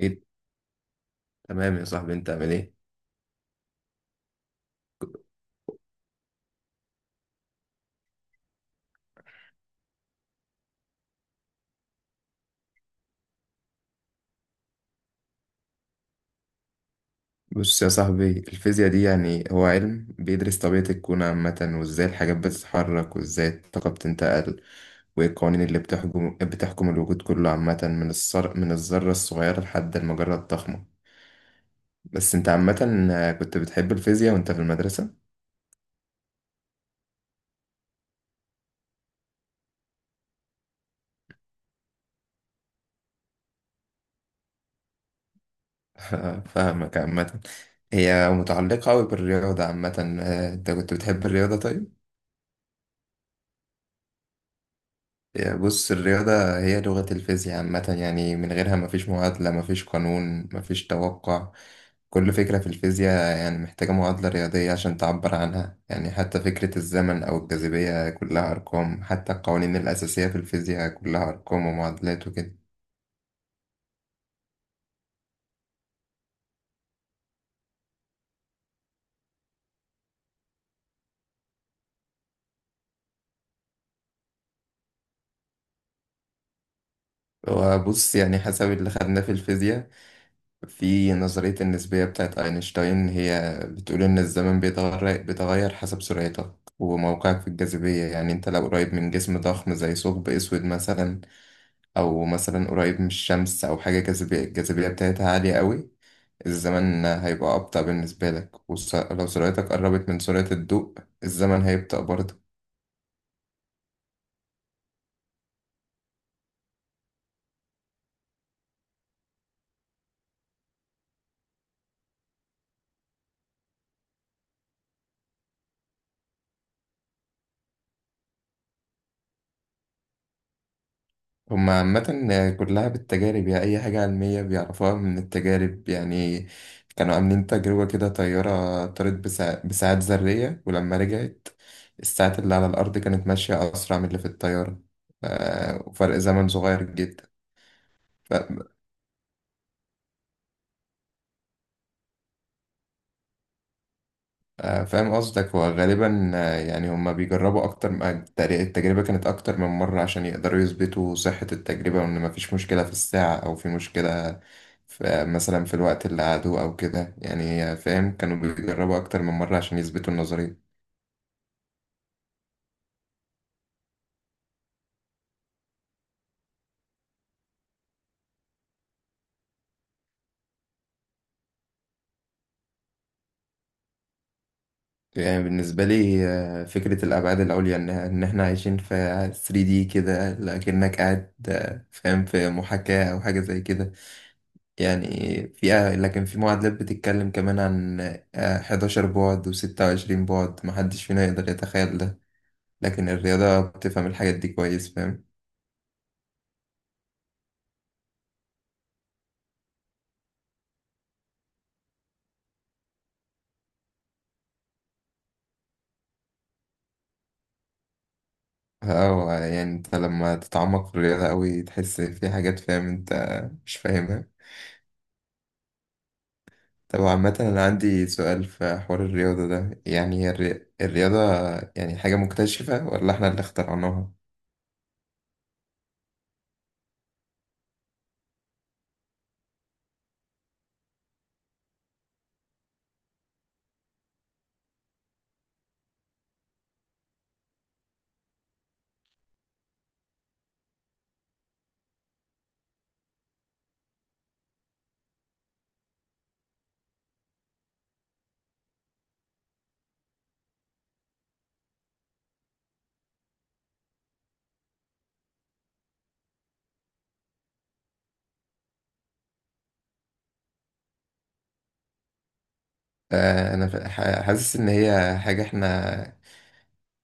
ايه. تمام يا صاحبي انت عامل ايه؟ بص يا صاحبي الفيزياء دي يعني هو علم بيدرس طبيعة الكون عامة وازاي الحاجات بتتحرك وازاي الطاقة بتنتقل وايه القوانين اللي بتحكم الوجود كله عامة من من الذرة الصغيرة لحد المجرة الضخمة. بس انت عامة كنت بتحب الفيزياء وانت في المدرسة؟ فاهمك عامة. هي متعلقة أوي بالرياضة عامة، انت كنت بتحب الرياضة طيب؟ يا بص الرياضة هي لغة الفيزياء عامة، يعني من غيرها مفيش معادلة مفيش قانون مفيش توقع. كل فكرة في الفيزياء يعني محتاجة معادلة رياضية عشان تعبر عنها، يعني حتى فكرة الزمن أو الجاذبية كلها أرقام، حتى القوانين الأساسية في الفيزياء كلها أرقام ومعادلات وكده. وبص يعني حسب اللي خدناه في الفيزياء في نظرية النسبية بتاعت أينشتاين، هي بتقول إن الزمن بيتغير حسب سرعتك وموقعك في الجاذبية. يعني أنت لو قريب من جسم ضخم زي ثقب أسود مثلا، أو مثلا قريب من الشمس أو حاجة جاذبية بتاعتها عالية قوي، الزمن هيبقى أبطأ بالنسبة لك. ولو سرعتك قربت من سرعة الضوء الزمن هيبطأ برضه. هما عامة كلها بالتجارب، يعني أي حاجة علمية بيعرفوها من التجارب يعني. كانوا عاملين تجربة كده، طيارة طارت بساعات ذرية، ولما رجعت الساعات اللي على الأرض كانت ماشية أسرع من اللي في الطيارة. ف- وفرق زمن صغير جدا. فاهم قصدك. هو غالبا يعني هما بيجربوا أكتر التجربة كانت أكتر من مرة عشان يقدروا يثبتوا صحة التجربة، وإن مفيش مشكلة في الساعة أو في مشكلة في مثلا في الوقت اللي قعدوه أو كده، يعني فاهم، كانوا بيجربوا أكتر من مرة عشان يثبتوا النظرية. يعني بالنسبة لي فكرة الأبعاد العليا، إن إحنا عايشين في 3D كده، لكنك قاعد فاهم في محاكاة أو حاجة زي كده يعني. في لكن في معادلات بتتكلم كمان عن 11 بعد و26 بعد، محدش فينا يقدر يتخيل ده، لكن الرياضة بتفهم الحاجات دي كويس فاهم. اه يعني انت لما تتعمق في الرياضة أوي تحس في حاجات فاهم انت مش فاهمها. طب عامة أنا عندي سؤال في حوار الرياضة ده. يعني هي الرياضة يعني حاجة مكتشفة ولا احنا اللي اخترعناها؟ أنا حاسس إن هي حاجة احنا،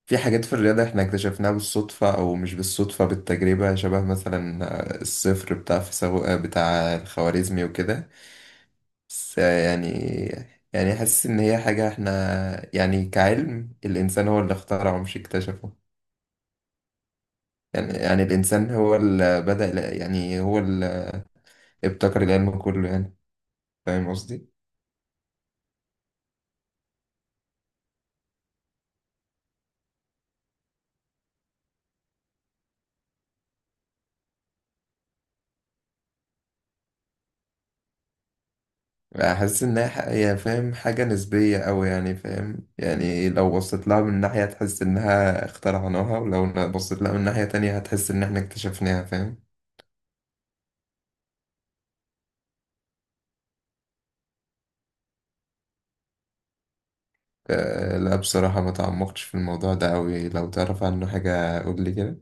في حاجات في الرياضة احنا اكتشفناها بالصدفة، أو مش بالصدفة بالتجربة شبه. مثلا الصفر بتاع فيثاغو بتاع الخوارزمي وكده. بس يعني، يعني حاسس إن هي حاجة احنا يعني كعلم، الإنسان هو اللي اخترعه مش اكتشفه. يعني يعني الإنسان هو اللي بدأ، يعني هو اللي ابتكر العلم كله يعني. فاهم قصدي؟ احس انها يعني فاهم حاجة نسبية أوي يعني فاهم. يعني لو بصيت لها من ناحية تحس انها اخترعناها، ولو بصيت لها من ناحية تانية هتحس ان احنا اكتشفناها فاهم. لا بصراحة ما تعمقتش في الموضوع ده أوي، لو تعرف عنه حاجة قولي كده.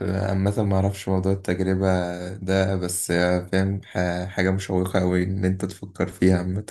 عامة ما اعرفش موضوع التجربة ده، بس فاهم حاجة مشوقة أوي ان انت تفكر فيها عامة.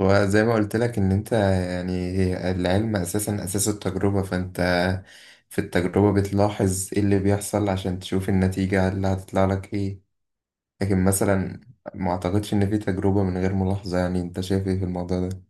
وزي ما قلت لك ان انت يعني العلم اساسا اساس التجربة، فانت في التجربة بتلاحظ ايه اللي بيحصل عشان تشوف النتيجة اللي هتطلع لك ايه. لكن مثلا ما اعتقدش ان في تجربة من غير ملاحظة، يعني انت شايف ايه في الموضوع ده؟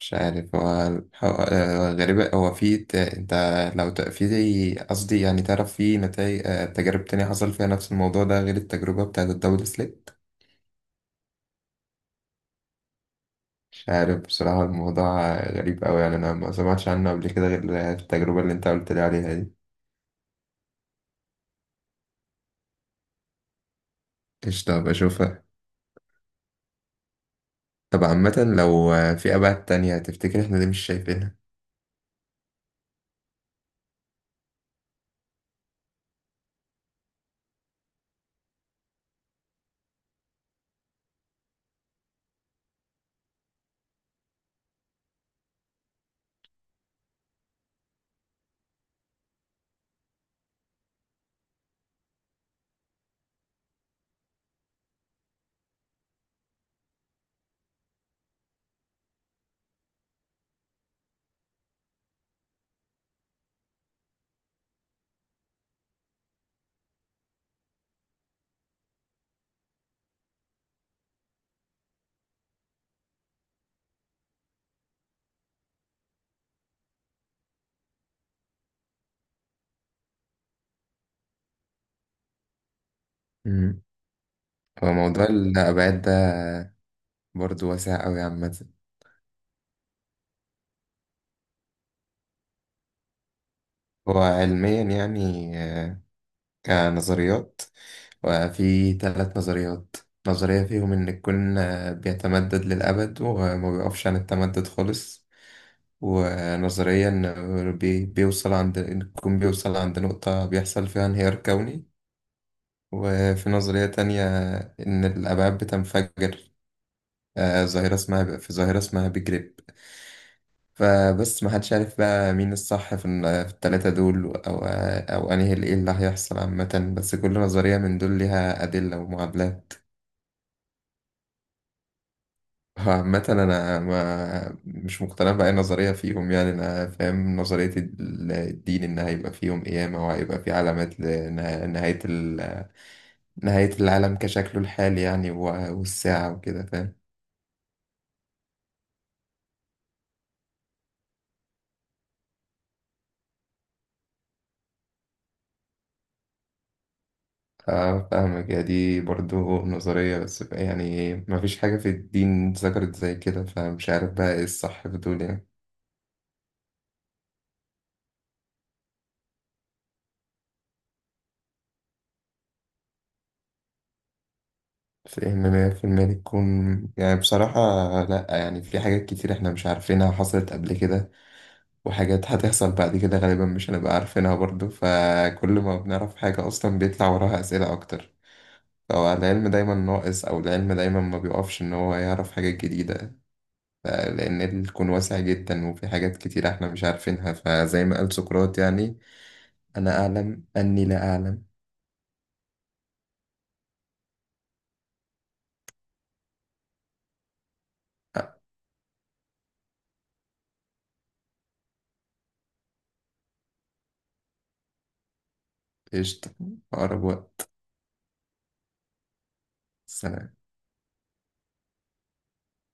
مش عارف، هو غريبة. هو في انت لو قصدي يعني تعرف في نتائج تجارب تانية حصل فيها نفس الموضوع ده غير التجربة بتاعت الدبل سليك؟ مش عارف بصراحة، الموضوع غريب أوي يعني، أنا ما سمعتش عنه قبل كده غير التجربة اللي أنت قلت لي عليها دي. قشطة بشوفها. طب عامة لو في أبعاد تانية تفتكر إحنا ليه مش شايفينها؟ مم. هو موضوع الأبعاد ده برضه واسع أوي عامة. هو علميا يعني كنظريات، وفي 3 نظريات. نظرية فيهم إن الكون بيتمدد للأبد وما بيقفش عن التمدد خالص. ونظريا بيوصل عند بيوصل عند نقطة بيحصل فيها انهيار كوني. وفي نظرية تانية إن الأبعاد بتنفجر، آه، ظاهرة اسمها في ظاهرة اسمها بيج ريب. فبس محدش عارف بقى مين الصح في في التلاتة دول، أو إيه اللي هيحصل عامة. بس كل نظرية من دول ليها أدلة ومعادلات. هو عامة أنا ما مش مقتنع بأي نظرية فيهم، يعني أنا فاهم نظرية الدين، إن هيبقى فيهم قيامة وهيبقى في علامات لنهاية نهاية العالم كشكله الحالي يعني، والساعة وكده فاهم. فاهمك، يا دي برضو نظرية، بس يعني ما فيش حاجة في الدين ذكرت زي كده، فمش عارف بقى إيه الصح في دول يعني. فإن مية في إن 100% تكون، يعني بصراحة لأ. يعني في حاجات كتير إحنا مش عارفينها حصلت قبل كده، وحاجات هتحصل بعد كده غالبا مش هنبقى عارفينها برضو. فكل ما بنعرف حاجة أصلا بيطلع وراها أسئلة أكتر، فالعلم دايما ناقص، أو العلم دايما ما بيقفش إن هو يعرف حاجات جديدة. لأن الكون واسع جدا وفي حاجات كتير إحنا مش عارفينها، فزي ما قال سقراط يعني أنا أعلم أني لا أعلم. أ- قشطة، في أقرب وقت. سلام.